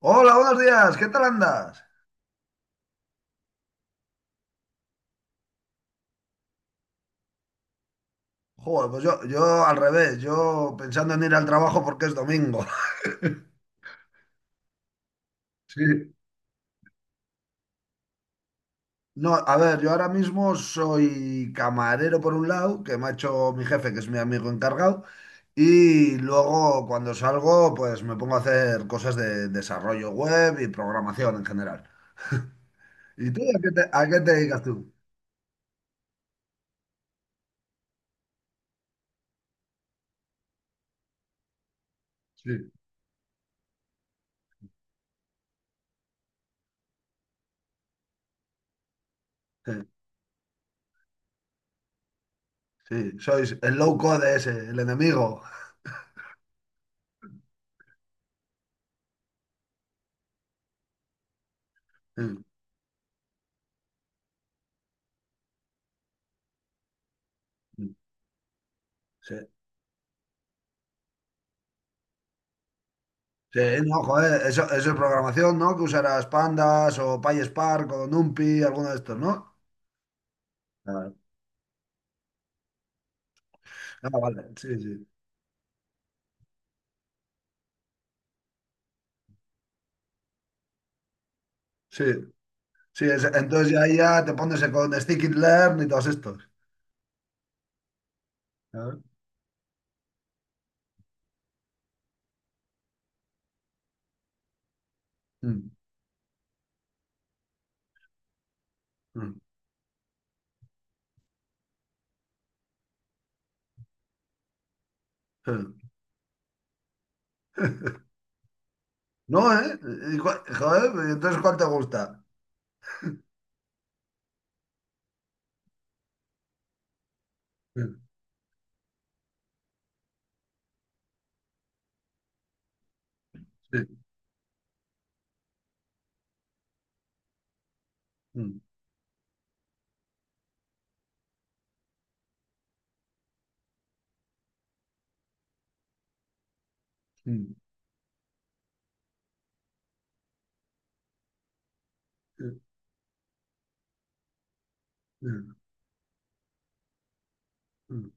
Hola, buenos días, ¿qué tal andas? Joder, pues yo al revés, yo pensando en ir al trabajo porque es domingo. Sí. No, a ver, yo ahora mismo soy camarero por un lado, que me ha hecho mi jefe, que es mi amigo encargado, y luego cuando salgo, pues me pongo a hacer cosas de desarrollo web y programación en general. ¿Y tú a qué te dedicas tú? Sí, sí, sí, sois el low code ese, el enemigo. Sí, sí. Sí, no, joder, eso es programación, ¿no? Que usarás Pandas o PySpark o NumPy, alguno de estos, ¿no? Ah, Ah, vale, sí, sí, sí. Sí, entonces ya, ahí ya te pones con Sticky Learn y todos estos. Ah. Mm, mm, sí. No, ¿eh? Y joder, ¿y entonces cuál te gusta? Sí, sí, mm, mm, sí, sí, mm.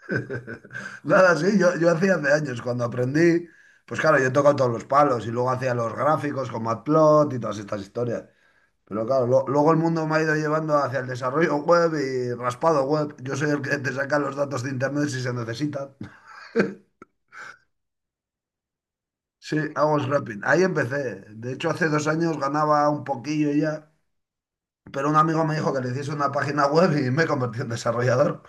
Nada, sí, yo hacía hace años cuando aprendí, pues claro, yo he tocado todos los palos y luego hacía los gráficos con Matplot y todas estas historias. Pero claro, luego el mundo me ha ido llevando hacia el desarrollo web y raspado web. Yo soy el que te saca los datos de internet si se necesitan. Sí, hago scrapping. Ahí empecé. De hecho, hace dos años ganaba un poquillo ya, pero un amigo me dijo que le hiciese una página web y me convertí en desarrollador.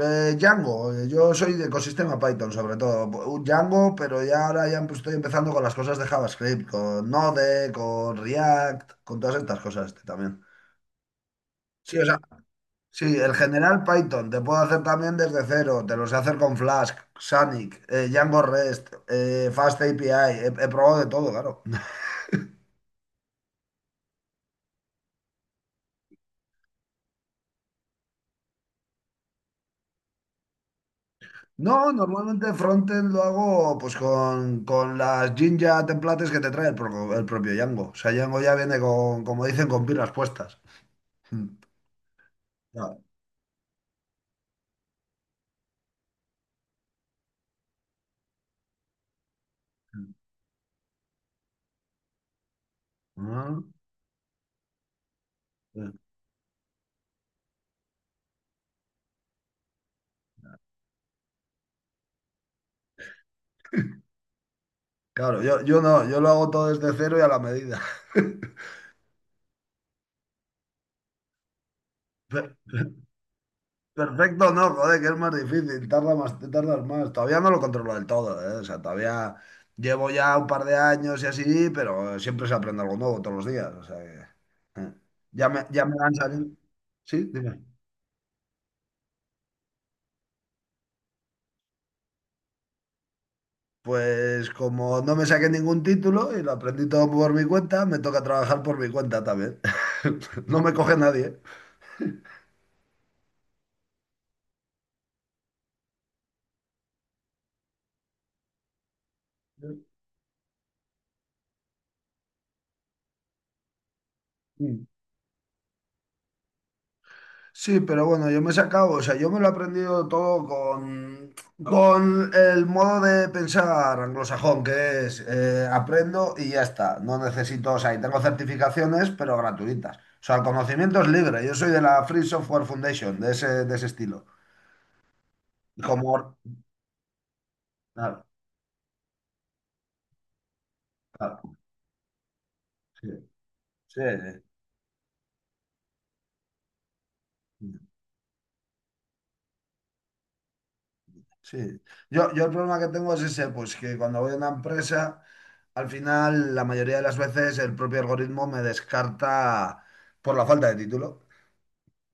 Django, yo soy de ecosistema Python sobre todo. Un Django, pero ya ahora ya estoy empezando con las cosas de JavaScript, con Node, con React, con todas estas cosas también. Sí, o sea, sí, el general Python, te puedo hacer también desde cero, te lo sé hacer con Flask, Sonic, Django REST, Fast API, he probado de todo, claro. No, normalmente frontend lo hago pues con las Jinja templates que te trae el propio Django. O sea, Django ya viene con, como dicen, con pilas puestas. Mm, claro, ah, sí. Claro, yo no, yo lo hago todo desde cero y a la medida. Perfecto, no, joder, que es más difícil, tarda más, te tardas más. Todavía no lo controlo del todo, ¿eh? O sea, todavía llevo ya un par de años y así, pero siempre se aprende algo nuevo todos los días. O sea que. Ya me han salido. Sí, dime. Pues como no me saqué ningún título y lo aprendí todo por mi cuenta, me toca trabajar por mi cuenta también. No me coge nadie. Sí, pero bueno, yo me he sacado, o sea, yo me lo he aprendido todo con el modo de pensar anglosajón, que es aprendo y ya está. No necesito, o sea, y tengo certificaciones, pero gratuitas. O sea, el conocimiento es libre. Yo soy de la Free Software Foundation, de ese estilo. Y como, claro, claro, sí, sí, sí. Sí. Yo el problema que tengo es ese, pues que cuando voy a una empresa. Al final, la mayoría de las veces el propio algoritmo me descarta por la falta de título.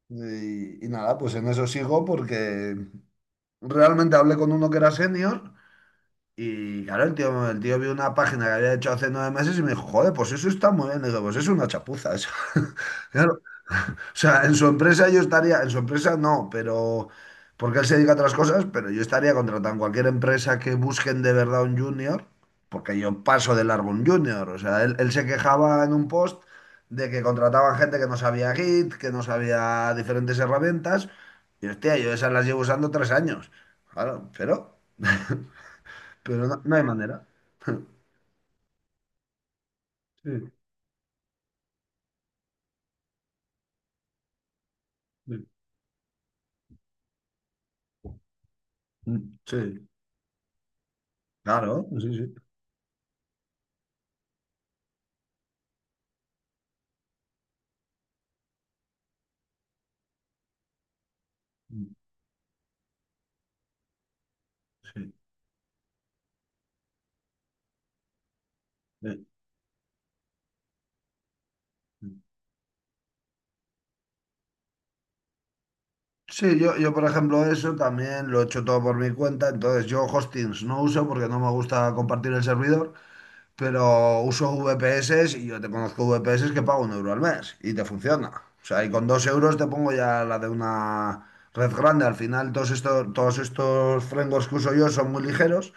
Y nada, pues en eso sigo porque realmente hablé con uno que era senior y claro, el tío vio una página que había hecho hace nueve meses y me dijo, joder, pues eso está muy bien. Y digo, pues es una chapuza eso. O sea, en su empresa yo estaría, en su empresa no, pero porque él se dedica a otras cosas, pero yo estaría contratando cualquier empresa que busquen de verdad un junior, porque yo paso de largo un junior. O sea, él se quejaba en un post de que contrataban gente que no sabía Git, que no sabía diferentes herramientas, y hostia, yo esas las llevo usando tres años. Claro, pero, pero no, no hay manera. Sí, sí, sí, claro, sí, sí. Sí, sí. Sí, yo por ejemplo eso también lo he hecho todo por mi cuenta, entonces yo hostings no uso porque no me gusta compartir el servidor, pero uso VPS y yo te conozco VPS que pago un euro al mes y te funciona. O sea, y con dos euros te pongo ya la de una red grande. Al final todos estos frameworks que uso yo son muy ligeros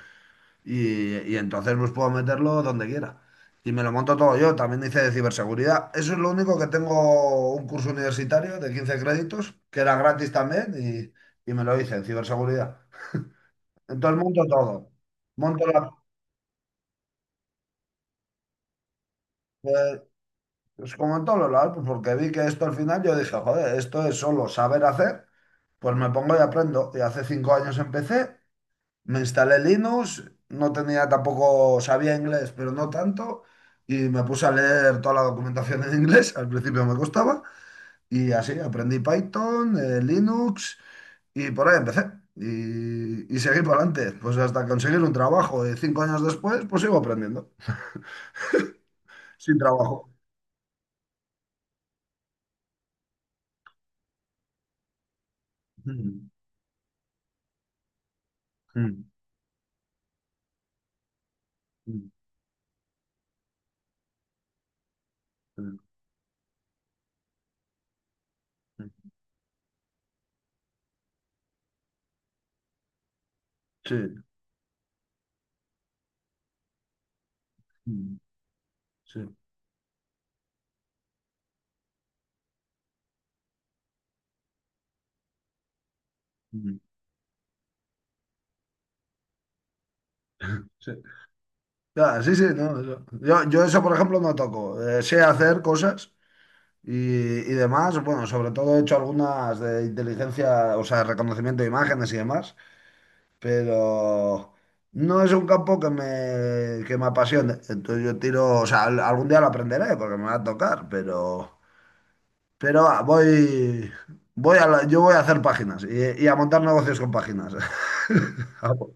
y entonces pues puedo meterlo donde quiera. Y me lo monto todo yo. También hice de ciberseguridad. Eso es lo único que tengo un curso universitario de 15 créditos, que era gratis también, y me lo hice en ciberseguridad. Entonces monto todo. Monto la, eh, pues como en todos los lados, pues porque vi que esto al final yo dije, joder, esto es solo saber hacer, pues me pongo y aprendo. Y hace cinco años empecé. Me instalé Linux, no tenía tampoco, sabía inglés, pero no tanto, y me puse a leer toda la documentación en inglés, al principio me costaba, y así aprendí Python, Linux, y por ahí empecé. Y seguí para adelante, pues hasta conseguir un trabajo. Y cinco años después, pues sigo aprendiendo, sin trabajo. Mm, mm, mm, mm, mm. Sí, mm, sí, mm, sí. Ya, sí, sí, no, eso. Yo eso, por ejemplo, no toco. Sé hacer cosas. Y, y demás, bueno, sobre todo he hecho algunas de inteligencia, o sea, reconocimiento de imágenes y demás, pero no es un campo que me apasione. Entonces yo tiro, o sea, algún día lo aprenderé porque me va a tocar, pero yo voy a hacer páginas y a montar negocios con páginas. Ah, pues,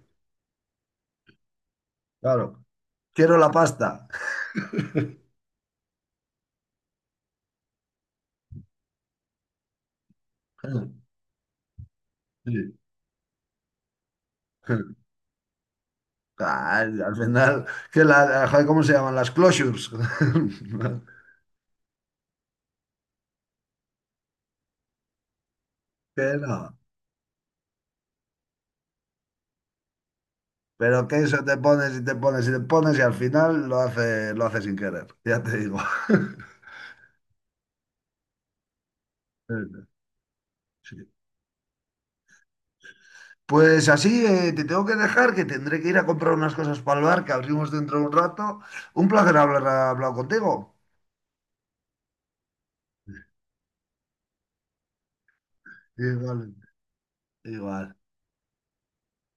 claro, quiero la pasta. Sí. Ah, al final, que la, joder, ¿cómo se llaman? Las closures. Que no. Pero que eso te pones y te pones y te pones y al final lo hace sin querer, ya te digo. Sí. Pues así te tengo que dejar, que tendré que ir a comprar unas cosas para el bar que abrimos dentro de un rato. Un placer hablar contigo. Igual, igual.